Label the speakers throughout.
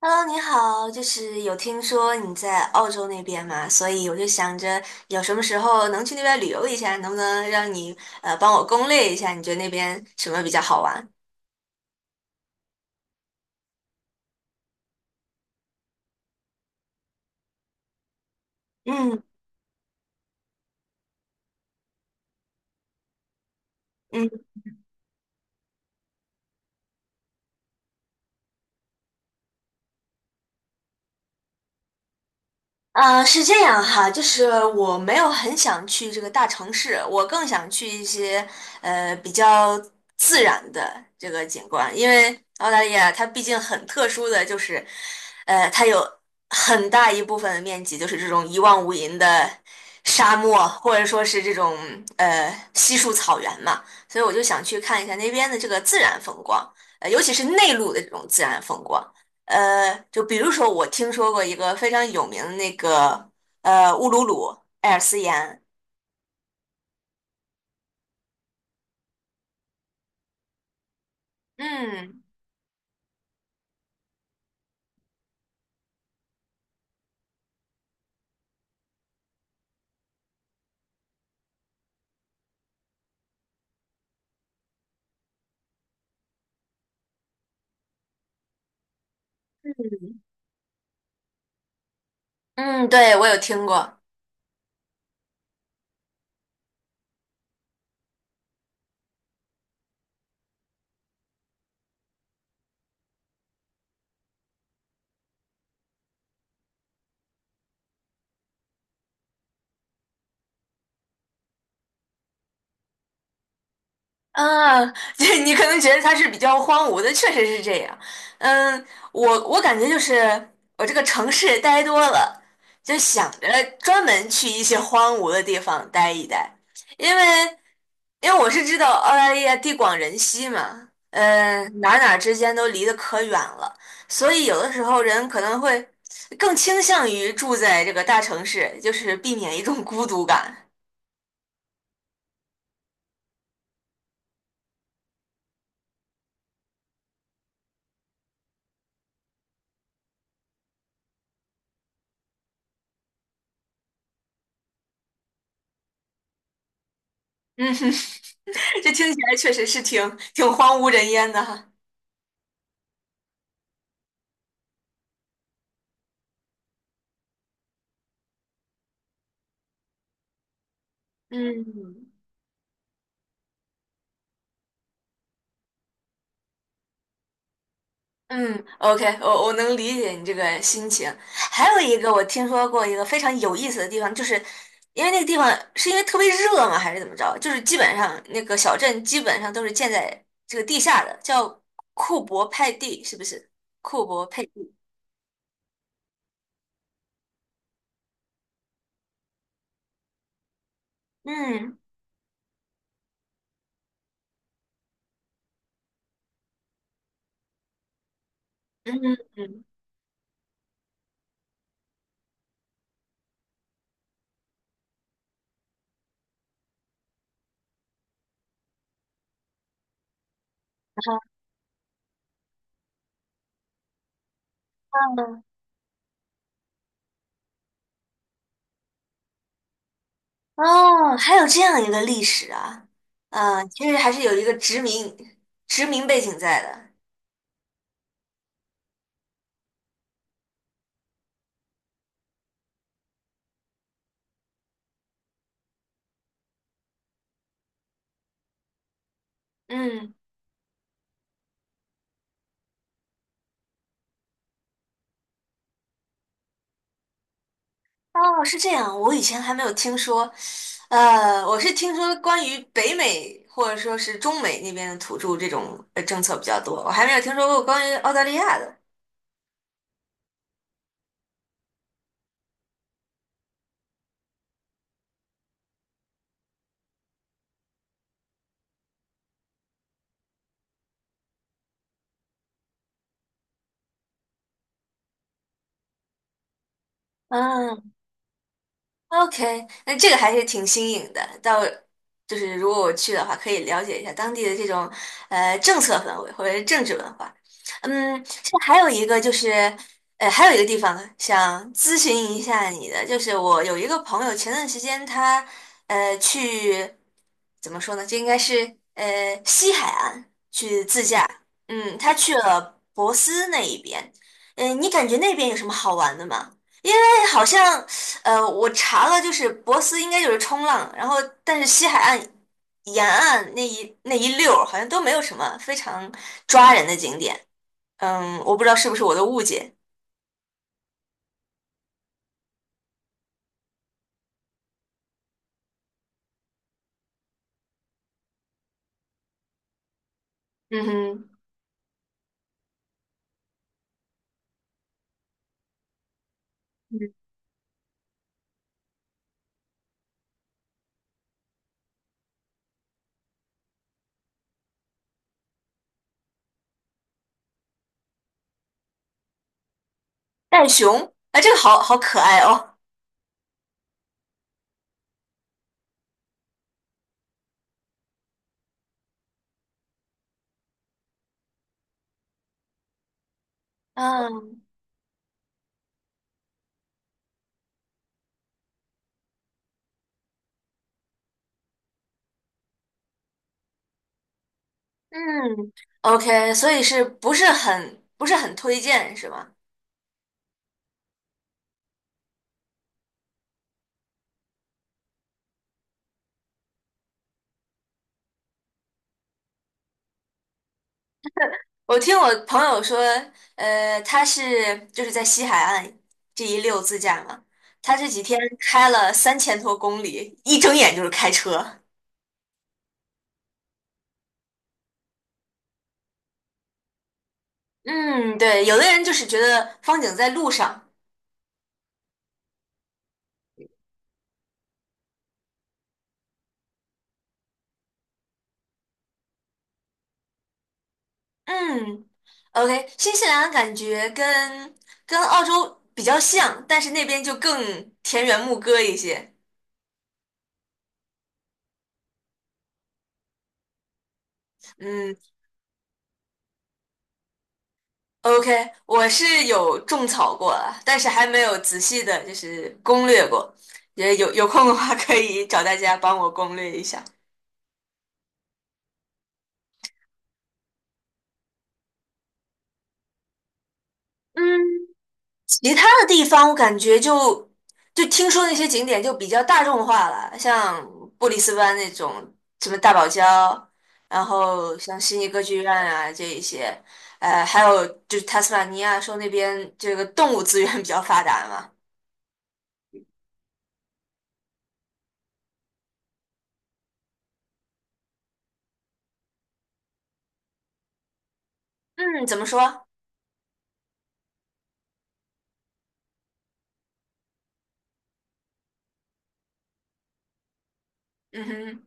Speaker 1: Hello，你好，就是有听说你在澳洲那边嘛，所以我就想着有什么时候能去那边旅游一下，能不能让你帮我攻略一下，你觉得那边什么比较好玩？嗯。嗯。是这样哈，就是我没有很想去这个大城市，我更想去一些比较自然的这个景观，因为澳大利亚它毕竟很特殊的就是，它有很大一部分的面积就是这种一望无垠的沙漠，或者说是这种稀树草原嘛，所以我就想去看一下那边的这个自然风光，尤其是内陆的这种自然风光。就比如说我听说过一个非常有名的那个乌鲁鲁艾尔斯岩。嗯。嗯，对，我有听过。啊，对，你可能觉得它是比较荒芜的，确实是这样。嗯，我感觉就是我这个城市待多了，就想着专门去一些荒芜的地方待一待，因为我是知道澳大利亚地广人稀嘛，嗯、哪之间都离得可远了，所以有的时候人可能会更倾向于住在这个大城市，就是避免一种孤独感。嗯哼。这听起来确实是挺荒无人烟的哈。嗯。嗯，OK，我能理解你这个心情。还有一个我听说过一个非常有意思的地方，就是因为那个地方是因为特别热吗，还是怎么着？就是基本上那个小镇基本上都是建在这个地下的，叫库珀派蒂，是不是？库珀佩蒂。嗯。嗯。嗯。哦，还有这样一个历史啊，嗯、其实还是有一个殖民背景在的。嗯。哦，是这样，我以前还没有听说，我是听说关于北美或者说是中美那边的土著这种政策比较多，我还没有听说过关于澳大利亚的。嗯。OK，那这个还是挺新颖的。就是如果我去的话，可以了解一下当地的这种政策氛围或者是政治文化。嗯，这还有一个就是，还有一个地方想咨询一下你的，就是我有一个朋友前段时间他去怎么说呢？这应该是西海岸去自驾。嗯，他去了博斯那一边。嗯，你感觉那边有什么好玩的吗？好像我查了，就是博斯应该就是冲浪，然后但是西海岸沿岸那一溜儿好像都没有什么非常抓人的景点。嗯，我不知道是不是我的误解。嗯哼。嗯。袋熊，哎，这个好可爱哦。嗯。嗯，OK，所以是不是不是很推荐是吗？我听我朋友说，他是就是在西海岸这一溜自驾嘛，他这几天开了三千多公里，一睁眼就是开车。嗯，对，有的人就是觉得风景在路上。嗯，OK，新西兰感觉跟澳洲比较像，但是那边就更田园牧歌一些。嗯，OK，我是有种草过了，但是还没有仔细的，就是攻略过。也有空的话，可以找大家帮我攻略一下。嗯，其他的地方我感觉就听说那些景点就比较大众化了，像布里斯班那种什么大堡礁，然后像悉尼歌剧院啊这一些，还有就是塔斯马尼亚说那边这个动物资源比较发达嘛。嗯，怎么说？嗯哼。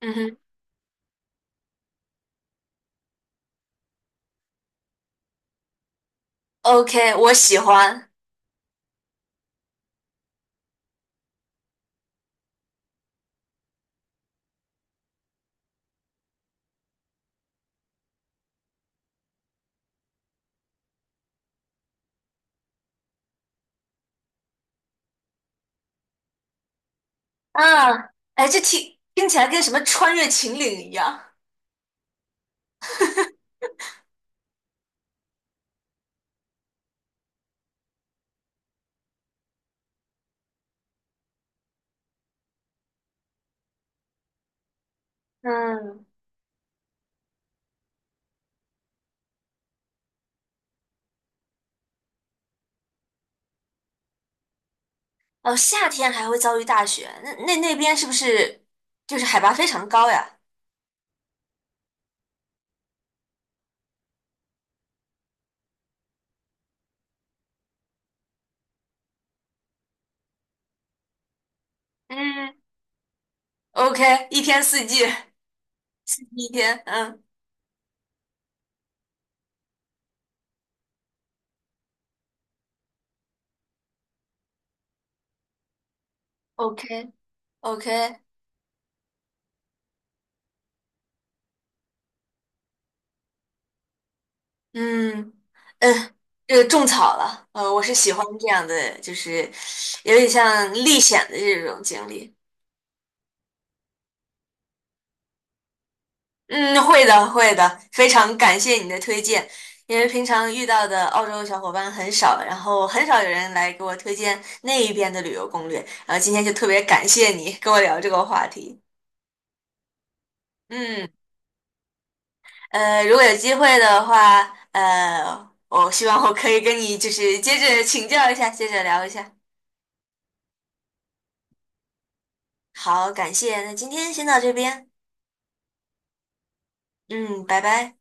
Speaker 1: 嗯哼，OK，我喜欢。啊，哎，这听起来跟什么穿越秦岭一样。嗯。哦，夏天还会遭遇大雪，那那边是不是就是海拔非常高呀？嗯，OK，一天四季，四季一天，嗯，OK。 OK。嗯。嗯，这个种草了，我是喜欢这样的，就是有点像历险的这种经历。嗯，会的，会的，非常感谢你的推荐，因为平常遇到的澳洲小伙伴很少，然后很少有人来给我推荐那一边的旅游攻略，然后今天就特别感谢你跟我聊这个话题。嗯，如果有机会的话，我希望我可以跟你就是接着请教一下，接着聊一下。好，感谢，那今天先到这边，嗯，拜拜。